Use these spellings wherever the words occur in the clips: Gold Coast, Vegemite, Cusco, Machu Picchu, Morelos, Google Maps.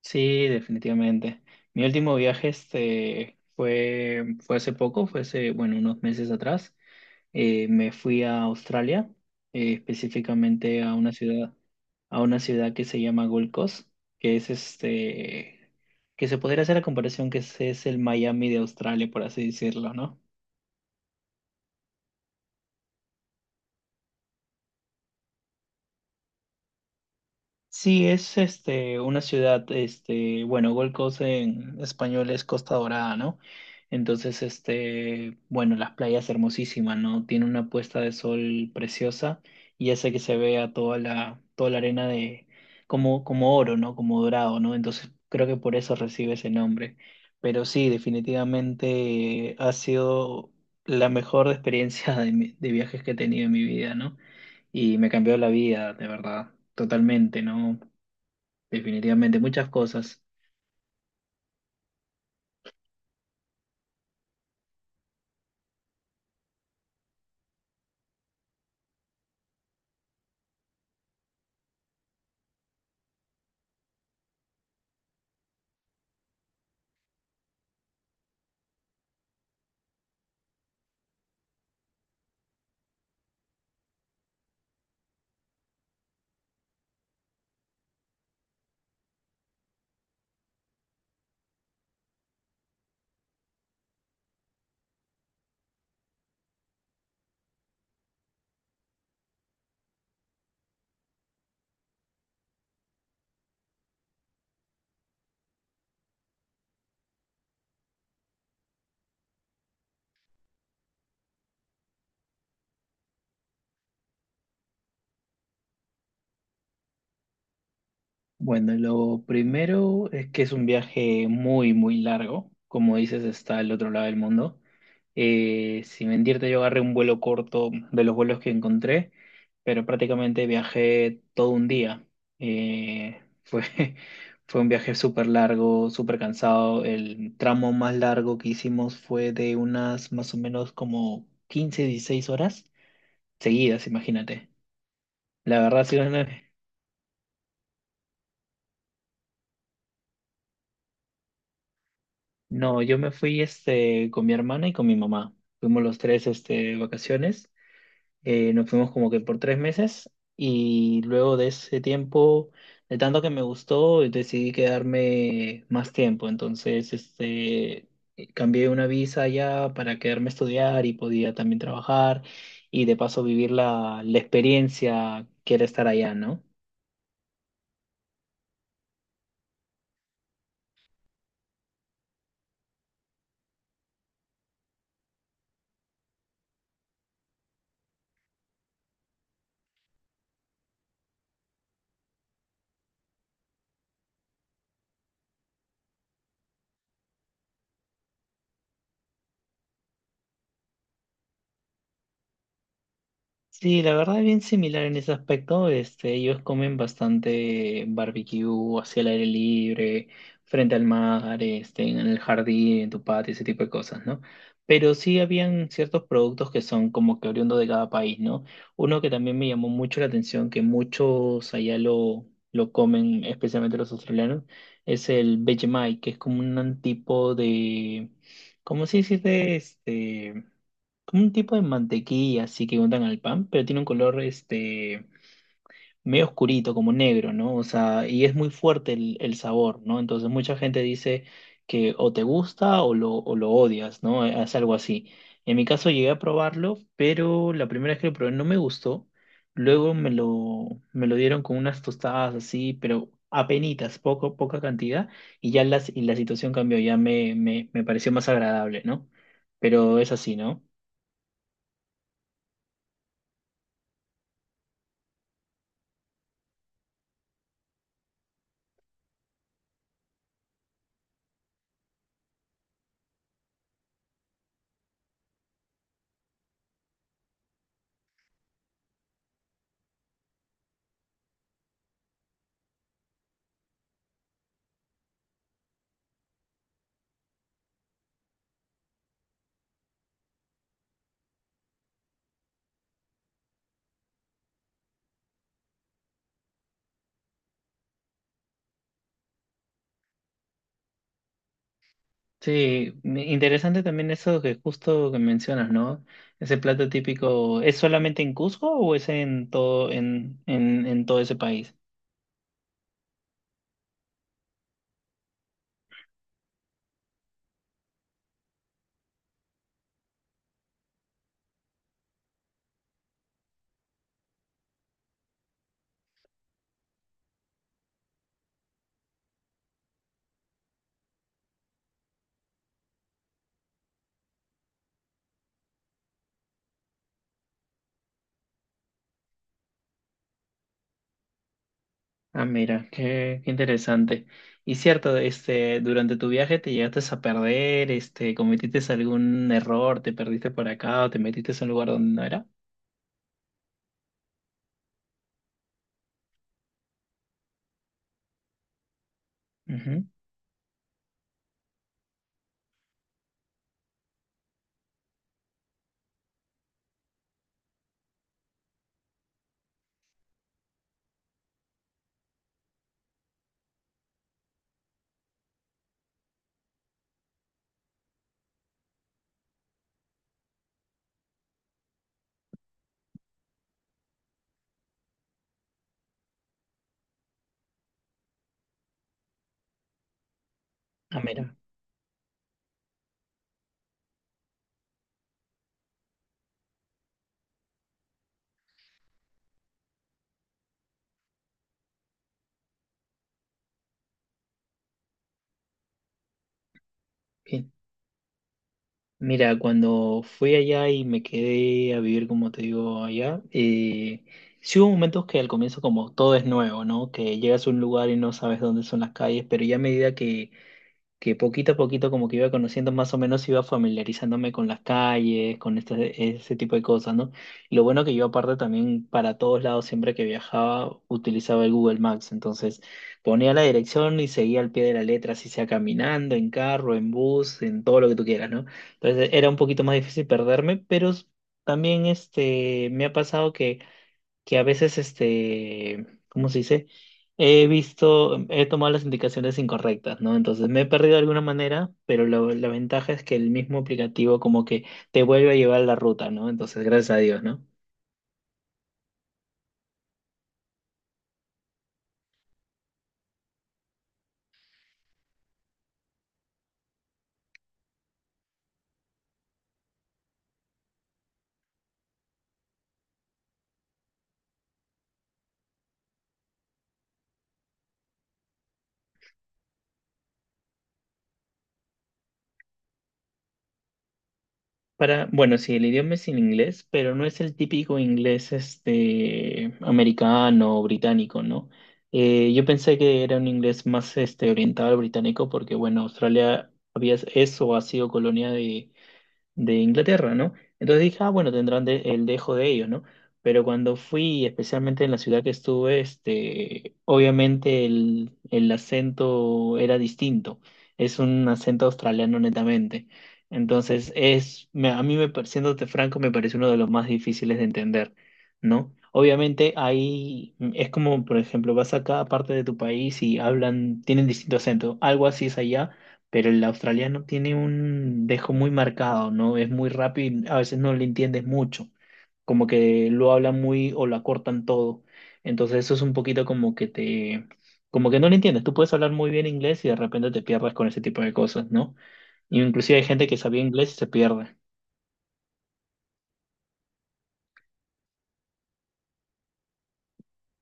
Sí, definitivamente. Mi último viaje fue hace poco, fue hace, bueno, unos meses atrás. Me fui a Australia, específicamente a una ciudad que se llama Gold Coast, que es este, que se podría hacer la comparación que es el Miami de Australia, por así decirlo, ¿no? Sí, es una ciudad, bueno, Gold Coast en español es Costa Dorada, ¿no? Entonces, bueno, las playas hermosísimas, ¿no? Tiene una puesta de sol preciosa y hace que se vea toda la arena de, como, como oro, ¿no? Como dorado, ¿no? Entonces, creo que por eso recibe ese nombre. Pero sí, definitivamente ha sido la mejor experiencia de, de viajes que he tenido en mi vida, ¿no? Y me cambió la vida, de verdad, totalmente, ¿no? Definitivamente, muchas cosas. Bueno, lo primero es que es un viaje muy, muy largo. Como dices, está al otro lado del mundo. Sin mentirte, yo agarré un vuelo corto de los vuelos que encontré, pero prácticamente viajé todo un día. Eh, fue, fue un viaje súper largo, súper cansado. El tramo más largo que hicimos fue de unas más o menos como 15 16 horas seguidas, imagínate. La verdad, sí, No, yo me fui con mi hermana y con mi mamá. Fuimos los tres vacaciones. Nos fuimos como que por 3 meses y luego de ese tiempo, de tanto que me gustó, decidí quedarme más tiempo. Entonces, cambié una visa ya para quedarme a estudiar y podía también trabajar y de paso vivir la experiencia que era estar allá, ¿no? Sí, la verdad es bien similar en ese aspecto. Ellos comen bastante barbecue hacia el aire libre, frente al mar, en el jardín, en tu patio, ese tipo de cosas, ¿no? Pero sí habían ciertos productos que son como que oriundos de cada país, ¿no? Uno que también me llamó mucho la atención, que muchos allá lo comen, especialmente los australianos, es el Vegemite, que es como un tipo de, ¿cómo se dice? Como un tipo de mantequilla así que untan al pan, pero tiene un color medio oscurito, como negro, ¿no? O sea, y es muy fuerte el sabor, ¿no? Entonces mucha gente dice que o te gusta o lo odias, ¿no? Es algo así. En mi caso llegué a probarlo, pero la primera vez que lo probé no me gustó. Luego me lo dieron con unas tostadas así, pero apenitas, poco, poca cantidad, y ya las, y la situación cambió, me pareció más agradable, ¿no? Pero es así, ¿no? Sí, interesante también eso que justo que mencionas, ¿no? Ese plato típico, ¿es solamente en Cusco o es en todo, en todo ese país? Ah, mira, qué interesante. Y cierto, durante tu viaje te llegaste a perder, cometiste algún error, te perdiste por acá o te metiste en un lugar donde no era. Ujú. Ah, mira, qué Mira, cuando fui allá y me quedé a vivir, como te digo, allá, sí hubo momentos que al comienzo como todo es nuevo, ¿no? Que llegas a un lugar y no sabes dónde son las calles, pero ya a medida que poquito a poquito como que iba conociendo más o menos, iba familiarizándome con las calles, con ese tipo de cosas, ¿no? Y lo bueno que yo aparte también para todos lados, siempre que viajaba, utilizaba el Google Maps, entonces ponía la dirección y seguía al pie de la letra, si sea caminando, en carro, en bus, en todo lo que tú quieras, ¿no? Entonces era un poquito más difícil perderme, pero también me ha pasado que a veces, ¿cómo se dice? He tomado las indicaciones incorrectas, ¿no? Entonces me he perdido de alguna manera, pero la ventaja es que el mismo aplicativo como que te vuelve a llevar la ruta, ¿no? Entonces, gracias a Dios, ¿no? Para, bueno, sí, el idioma es en inglés, pero no es el típico inglés, americano o británico, ¿no? Yo pensé que era un inglés más, orientado al británico porque, bueno, Australia había, eso ha sido colonia de Inglaterra, ¿no? Entonces dije, ah, bueno, tendrán el dejo de ellos, ¿no? Pero cuando fui, especialmente en la ciudad que estuve, obviamente el acento era distinto. Es un acento australiano netamente. Entonces, es, me- a mí, me, par- siéndote franco, me parece uno de los más difíciles de entender, ¿no? Obviamente ahí es como, por ejemplo, vas a cada parte de tu país y hablan, tienen distinto acento. Algo así es allá, pero el australiano tiene un dejo muy marcado, ¿no? Es muy rápido y a veces no le entiendes mucho, como que lo hablan muy o lo acortan todo. Entonces eso es un poquito como que te, como que no lo entiendes. Tú puedes hablar muy bien inglés y de repente te pierdes con ese tipo de cosas, ¿no? Inclusive hay gente que sabía inglés y se pierde.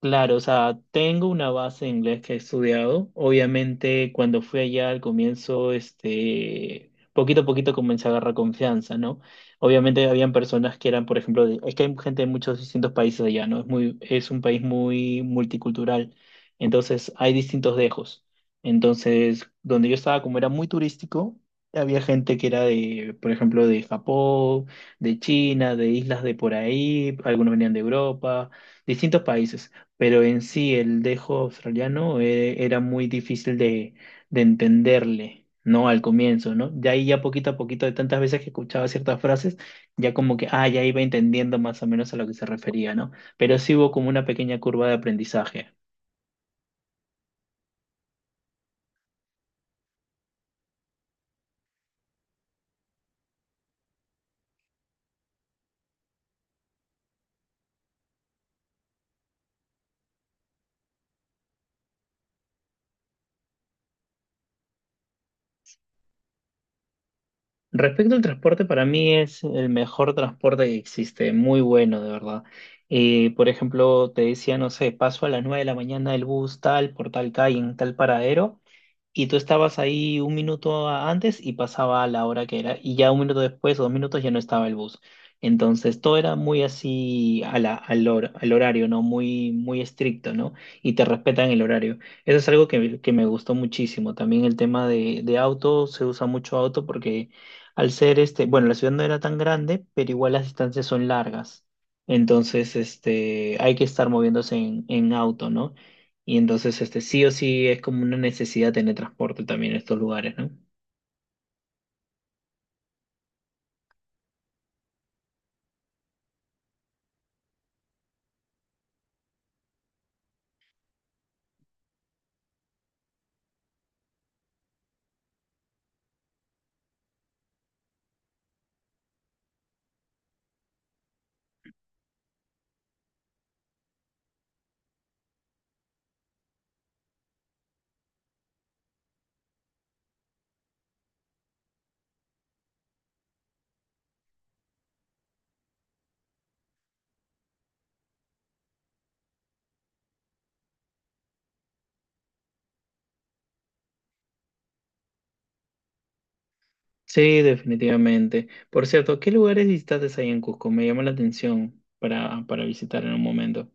Claro, o sea, tengo una base en inglés que he estudiado. Obviamente, cuando fui allá al comienzo, poquito a poquito comencé a agarrar confianza, ¿no? Obviamente, habían personas que eran, por ejemplo, es que hay gente de muchos distintos países allá, ¿no? Es muy, es un país muy multicultural. Entonces, hay distintos dejos. Entonces, donde yo estaba, como era muy turístico, había gente que era de, por ejemplo, de Japón, de China, de islas de por ahí, algunos venían de Europa, distintos países, pero en sí el dejo australiano, era muy difícil de entenderle, ¿no? Al comienzo, ¿no? De ahí ya poquito a poquito, de tantas veces que escuchaba ciertas frases, ya como que, ah, ya iba entendiendo más o menos a lo que se refería, ¿no? Pero sí hubo como una pequeña curva de aprendizaje. Respecto al transporte, para mí es el mejor transporte que existe, muy bueno, de verdad. Por ejemplo, te decía, no sé, paso a las 9 de la mañana el bus tal, por tal calle, en tal paradero, y tú estabas ahí 1 minuto antes y pasaba a la hora que era, y ya 1 minuto después o 2 minutos ya no estaba el bus. Entonces todo era muy así a la, al, hor- al horario, ¿no? Muy, muy estricto, ¿no? Y te respetan el horario. Eso es algo que, que me gustó muchísimo. También el tema de auto, se usa mucho auto porque al ser bueno, la ciudad no era tan grande, pero igual las distancias son largas. Entonces, hay que estar moviéndose en auto, ¿no? Y entonces, sí o sí es como una necesidad tener transporte también en estos lugares, ¿no? Sí, definitivamente. Por cierto, ¿qué lugares visitantes hay en Cusco? Me llama la atención para visitar en un momento.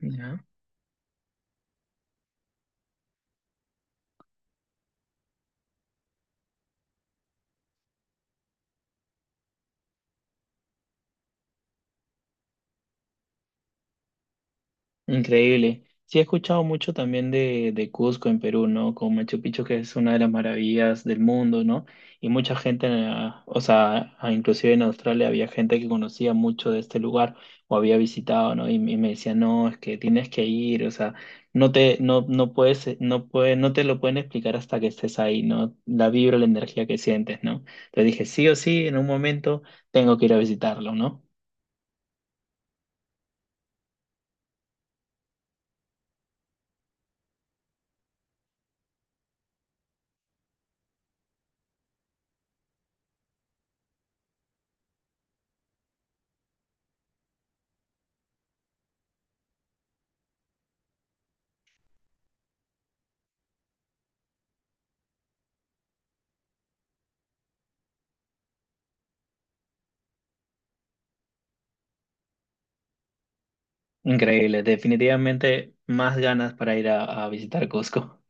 ¿Ya? Increíble. Sí, he escuchado mucho también de Cusco en Perú, ¿no? Con Machu Picchu, que es una de las maravillas del mundo, ¿no? Y mucha gente, o sea, inclusive en Australia había gente que conocía mucho de este lugar o había visitado, ¿no? Y me decía, no, es que tienes que ir, o sea, no puedes, no te lo pueden explicar hasta que estés ahí, ¿no? La vibra, la energía que sientes, ¿no? Entonces dije, sí o sí, en un momento tengo que ir a visitarlo, ¿no? Increíble, definitivamente más ganas para ir a visitar Cusco.